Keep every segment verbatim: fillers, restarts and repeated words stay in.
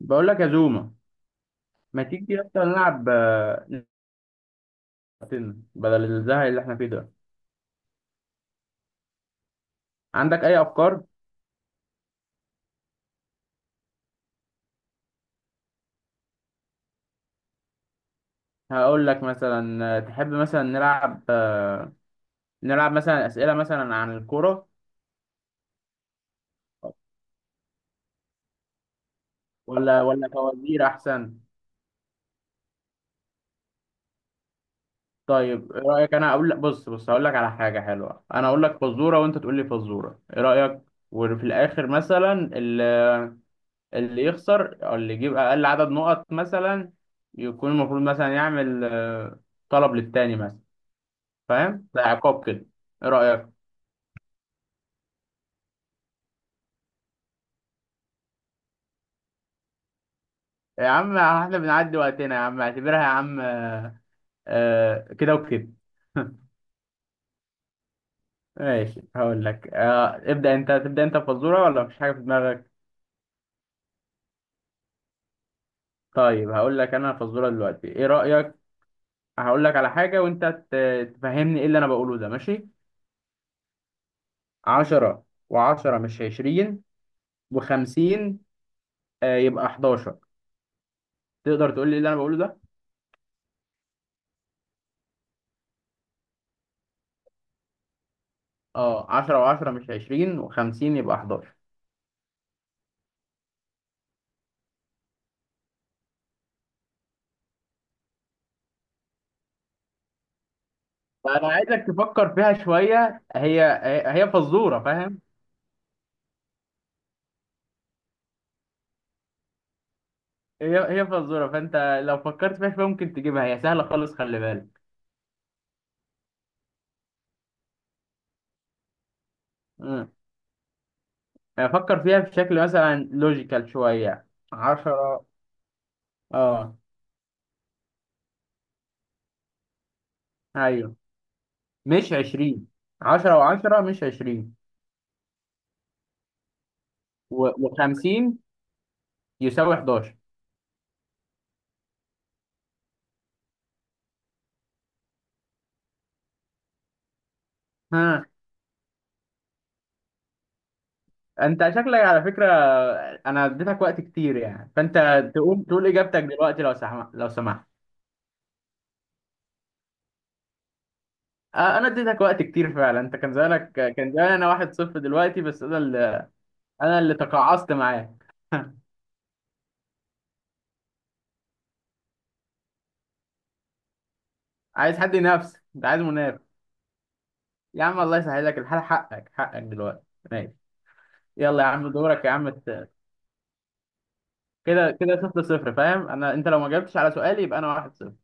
بقول لك يا زوما. ما تيجي اصلا نلعب نفسنا بدل الزهق اللي احنا فيه ده؟ عندك اي افكار؟ هقول لك مثلا، آه، تحب مثلا نلعب، آه، نلعب مثلا اسئله مثلا عن الكوره ولا ولا فوازير احسن؟ طيب ايه رايك؟ انا اقول لك، بص بص، هقول لك على حاجه حلوه، انا اقول لك فزوره وانت تقول لي فزوره، ايه رايك؟ وفي الاخر مثلا اللي, اللي يخسر او اللي يجيب اقل عدد نقط مثلا يكون المفروض مثلا يعمل، آه، طلب للتاني مثلا. فاهم؟ ده عقاب كده. ايه رأيك؟ يا عم احنا بنعدي وقتنا يا عم، اعتبرها يا عم، آه، آه، كده وكده. ماشي، هقول لك، آه، ابدأ انت، تبدأ انت بفزورة ولا مفيش حاجة في دماغك؟ طيب هقول لك انا فزورة دلوقتي، ايه رأيك؟ هقول لك على حاجة وانت ت- تفهمني ايه اللي انا بقوله ده، ماشي؟ عشرة وعشرة مش عشرين وخمسين، آه، يبقى حداشر. تقدر تقول لي إيه اللي انا بقوله ده؟ اه، عشرة وعشرة مش عشرين وخمسين يبقى حداشر. فانا عايزك تفكر فيها شويه، هي هي هي فزوره، فاهم؟ هي هي فزوره، فانت لو فكرت فيها شويه ممكن تجيبها، هي سهله خالص، خلي بالك. امم فكر فيها بشكل مثلا لوجيكال شويه. عشرة. اه. ايوه. مش عشرين. عشرة وعشرة مش عشرين و- وخمسين يساوي حداشر. ها، انت شكلك على فكره. انا اديتك وقت كتير يعني، فانت تقوم تقول اجابتك دلوقتي لو سمحت، لو سمحت. آه، انا اديتك وقت كتير فعلا، انت كان زمانك كان زمان انا واحد صفر دلوقتي، بس انا اللي انا اللي تقاعست معاه. عايز حد ينافس، انت عايز منافس. يا عم الله يسهلك الحال، حقك حقك دلوقتي ماشي. يلا يا عم دورك يا عم. ت- كده كده، صفر صفر، فاهم انا؟ انت لو ما جاوبتش على سؤالي يبقى انا واحد صفر.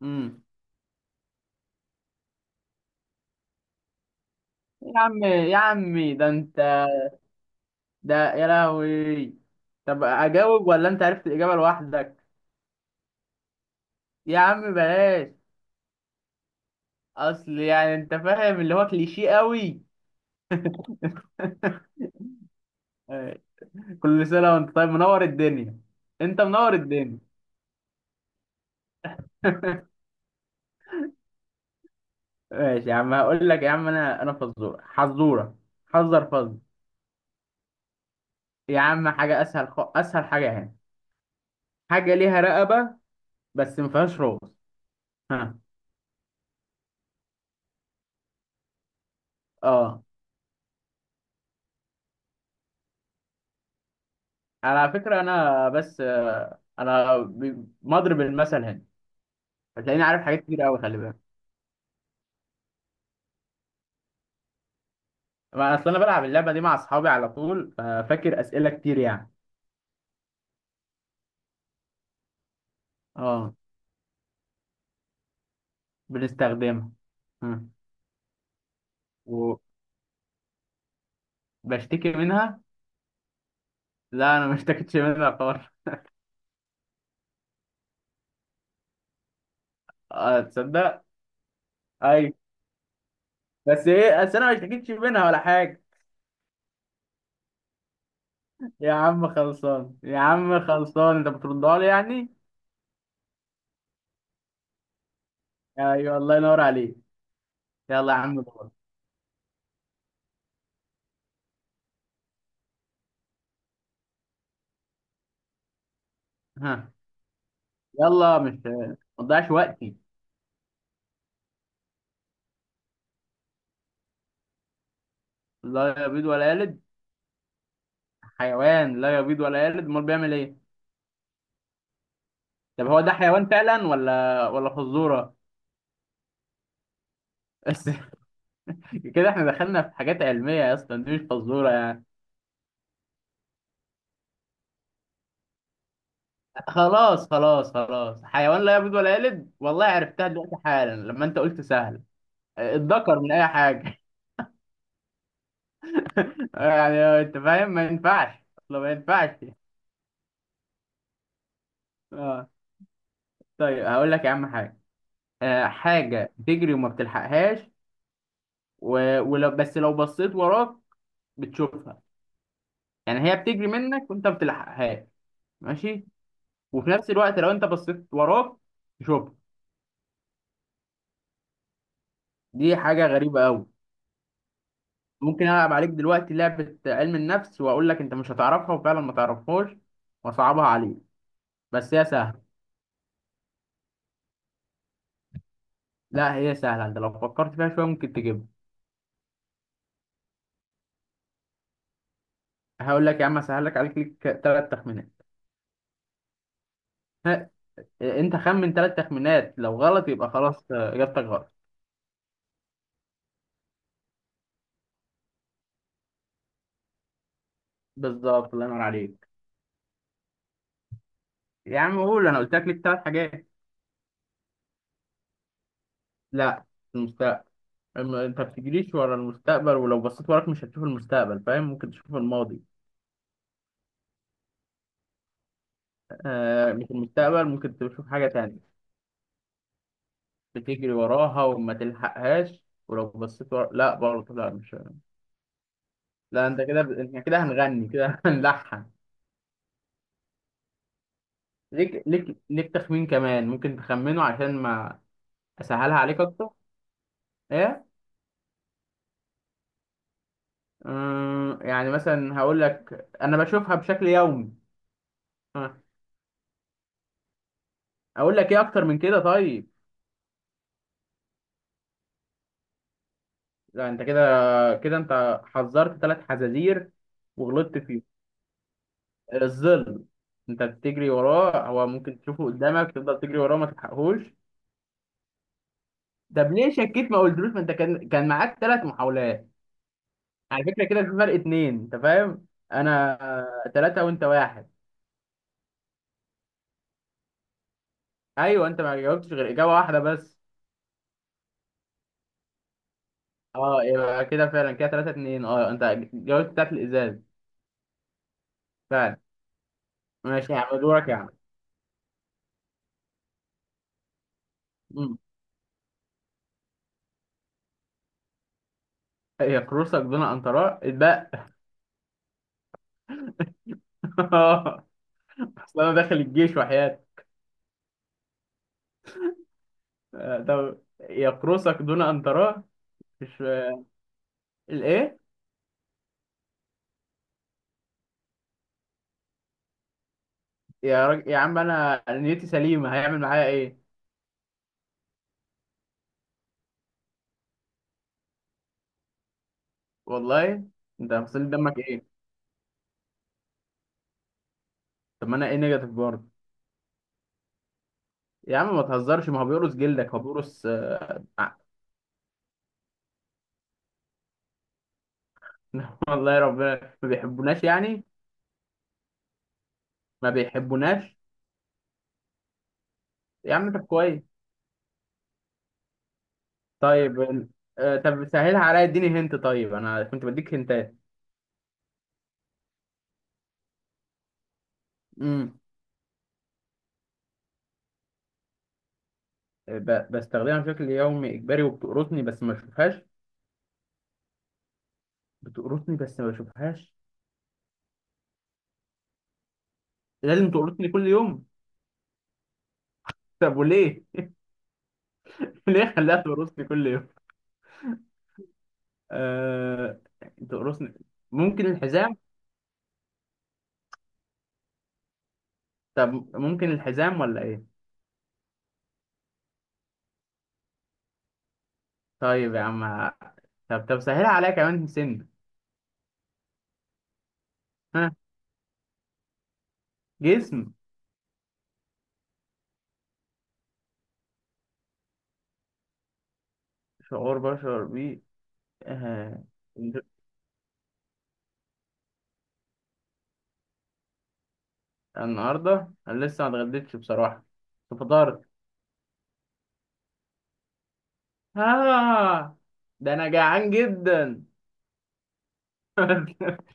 امم يا عم يا عمي ده انت! ده يا لهوي. طب اجاوب ولا انت عرفت الاجابه لوحدك؟ يا عم بلاش، اصل يعني انت فاهم اللي هو كليشيه قوي. كل سنة وانت طيب، منور الدنيا. انت منور الدنيا. ماشي يا عم، هقول لك يا عم، انا انا فزورة حزورة حذر فز. يا عم حاجة اسهل، خ... اسهل حاجة هنا. حاجة ليها رقبة بس ما فيهاش راس. ها؟ اه. على فكرة انا بس، آه، انا ب- مضرب المثل هنا، هتلاقيني عارف حاجات كتير قوي، خلي بالك. ما اصل انا بلعب اللعبة دي مع اصحابي على طول، ففاكر اسئلة كتير يعني. اه. بنستخدمها. ها. وبشتكي منها. لا، انا ما اشتكيتش منها خالص. اه تصدق. اي. بس ايه، بس انا ما اشتكيتش منها ولا حاجه. يا عم خلصان، يا عم خلصان، انت بتردها لي يعني. ايوه الله ينور عليك. يلا يا عم دور. ها. يلا مش ما تضيعش وقتي. لا يبيض ولا يلد. حيوان لا يبيض ولا يلد، امال بيعمل ايه؟ طب هو ده حيوان فعلا ولا ولا فزوره؟ بس كده احنا دخلنا في حاجات علميه يا اسطى، دي مش فزوره يعني. خلاص خلاص خلاص، حيوان لا يبيض ولا يلد، والله عرفتها دلوقتي حالا لما انت قلت سهل. اتذكر من اي حاجه يعني انت فاهم، ما ينفعش اصلا، ما ينفعش. اه. طيب هقول لك يا عم حاجه. آه، حاجه بتجري وما بتلحقهاش. و... ولو بس لو بصيت وراك بتشوفها. يعني هي بتجري منك وانت ما بتلحقهاش، ماشي؟ وفي نفس الوقت لو انت بصيت وراك تشوفها. دي حاجه غريبه قوي. ممكن العب عليك دلوقتي لعبه علم النفس واقول لك انت مش هتعرفها وفعلا ما تعرفهاش واصعبها عليك، بس هي سهله. لا هي سهله، انت لو فكرت فيها شويه ممكن تجيبها. هقول لك يا عم، اسهل لك، عليك ليك ثلاث تخمينات. ها، انت خمن ثلاث تخمينات، لو غلط يبقى خلاص، آه، اجابتك غلط. بالظبط الله ينور عليك. يا عم قول، انا قلت لك ليك ثلاث حاجات. لا. المستقبل؟ أما انت ما بتجريش ورا المستقبل، ولو بصيت وراك مش هتشوف المستقبل، فاهم؟ ممكن تشوف الماضي. آه، مش المستقبل، ممكن تشوف حاجة تانية. بتجري وراها وما تلحقهاش ولو بصيت ورا، لا برضه، لا مش، لا انت كده ب... احنا كده هنغني كده هنلحن. ليك ليك ليك تخمين كمان ممكن تخمنه عشان ما اسهلها عليك اكتر. ايه؟ أمم، يعني مثلا هقول لك انا بشوفها بشكل يومي. ها، اقول لك ايه اكتر من كده؟ طيب. لا انت كده، كده انت حذرت ثلاث حزازير وغلطت فيه. الظل. انت بتجري وراه، هو ممكن تشوفه قدامك، تفضل تجري وراه ما تلحقهوش. طب ليه شكيت ما قلتلوش؟ ما انت كان كان معاك ثلاث محاولات. على فكره كده في فرق اتنين، انت فاهم؟ انا ثلاثه وانت واحد. ايوه، انت ما جاوبتش غير اجابه واحده بس. اه، يبقى كده فعلا كده ثلاثة اتنين. اه، انت جاوبت بتاعت الازاز فعلا. ماشي يا عم دورك يا عم. مم. هي كروسك دون ان تراه اتبقى. اصل انا داخل الجيش وحياتي. آه، طب يقرصك دون ان تراه. مش الايه. يا رج... يا عم انا نيتي سليمه، هيعمل معايا ايه؟ والله. انت فصل دمك ايه؟ طب ما انا ايه نيجاتيف برضه. يا عم ما تهزرش، ما هو بيقرص جلدك، هو بيقرص، آه، ع- والله يا ربنا ما بيحبوناش يعني. ما بيحبوناش. يا عم طب كويس. طيب ال- آه، طب سهلها عليا، اديني هنت، طيب انا كنت بديك هنتات. امم ب- بستخدمها بشكل يومي اجباري، وبتقرصني بس ما بشوفهاش. بتقرصني بس ما بشوفهاش. لازم تقرصني كل يوم. طب وليه؟ ليه خلاها تقرصني كل يوم؟ أه... تقرصني. ممكن الحزام. طب ممكن الحزام ولا ايه؟ طيب يا عم، ه- طب طب سهلها عليا كمان سن. ها. جسم. شعور بشعر بيه. أه... النهارده انا لسه ما اتغديتش بصراحه، بس فطرت. ها. ده انا جعان جدا.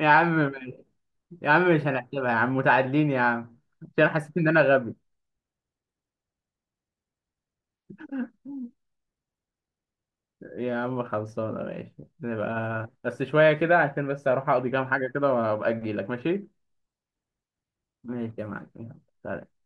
يا عم ماشي. يا عم مش هنحسبها يا عم، متعادلين يا عم، عشان أنا حسيت ان انا غبي. يا عم خلصانه، ماشي. نبقى بس شويه كده عشان بس اروح اقضي كام حاجه كده وابقى اجي لك، ماشي. ماشي يا معلم، يلا.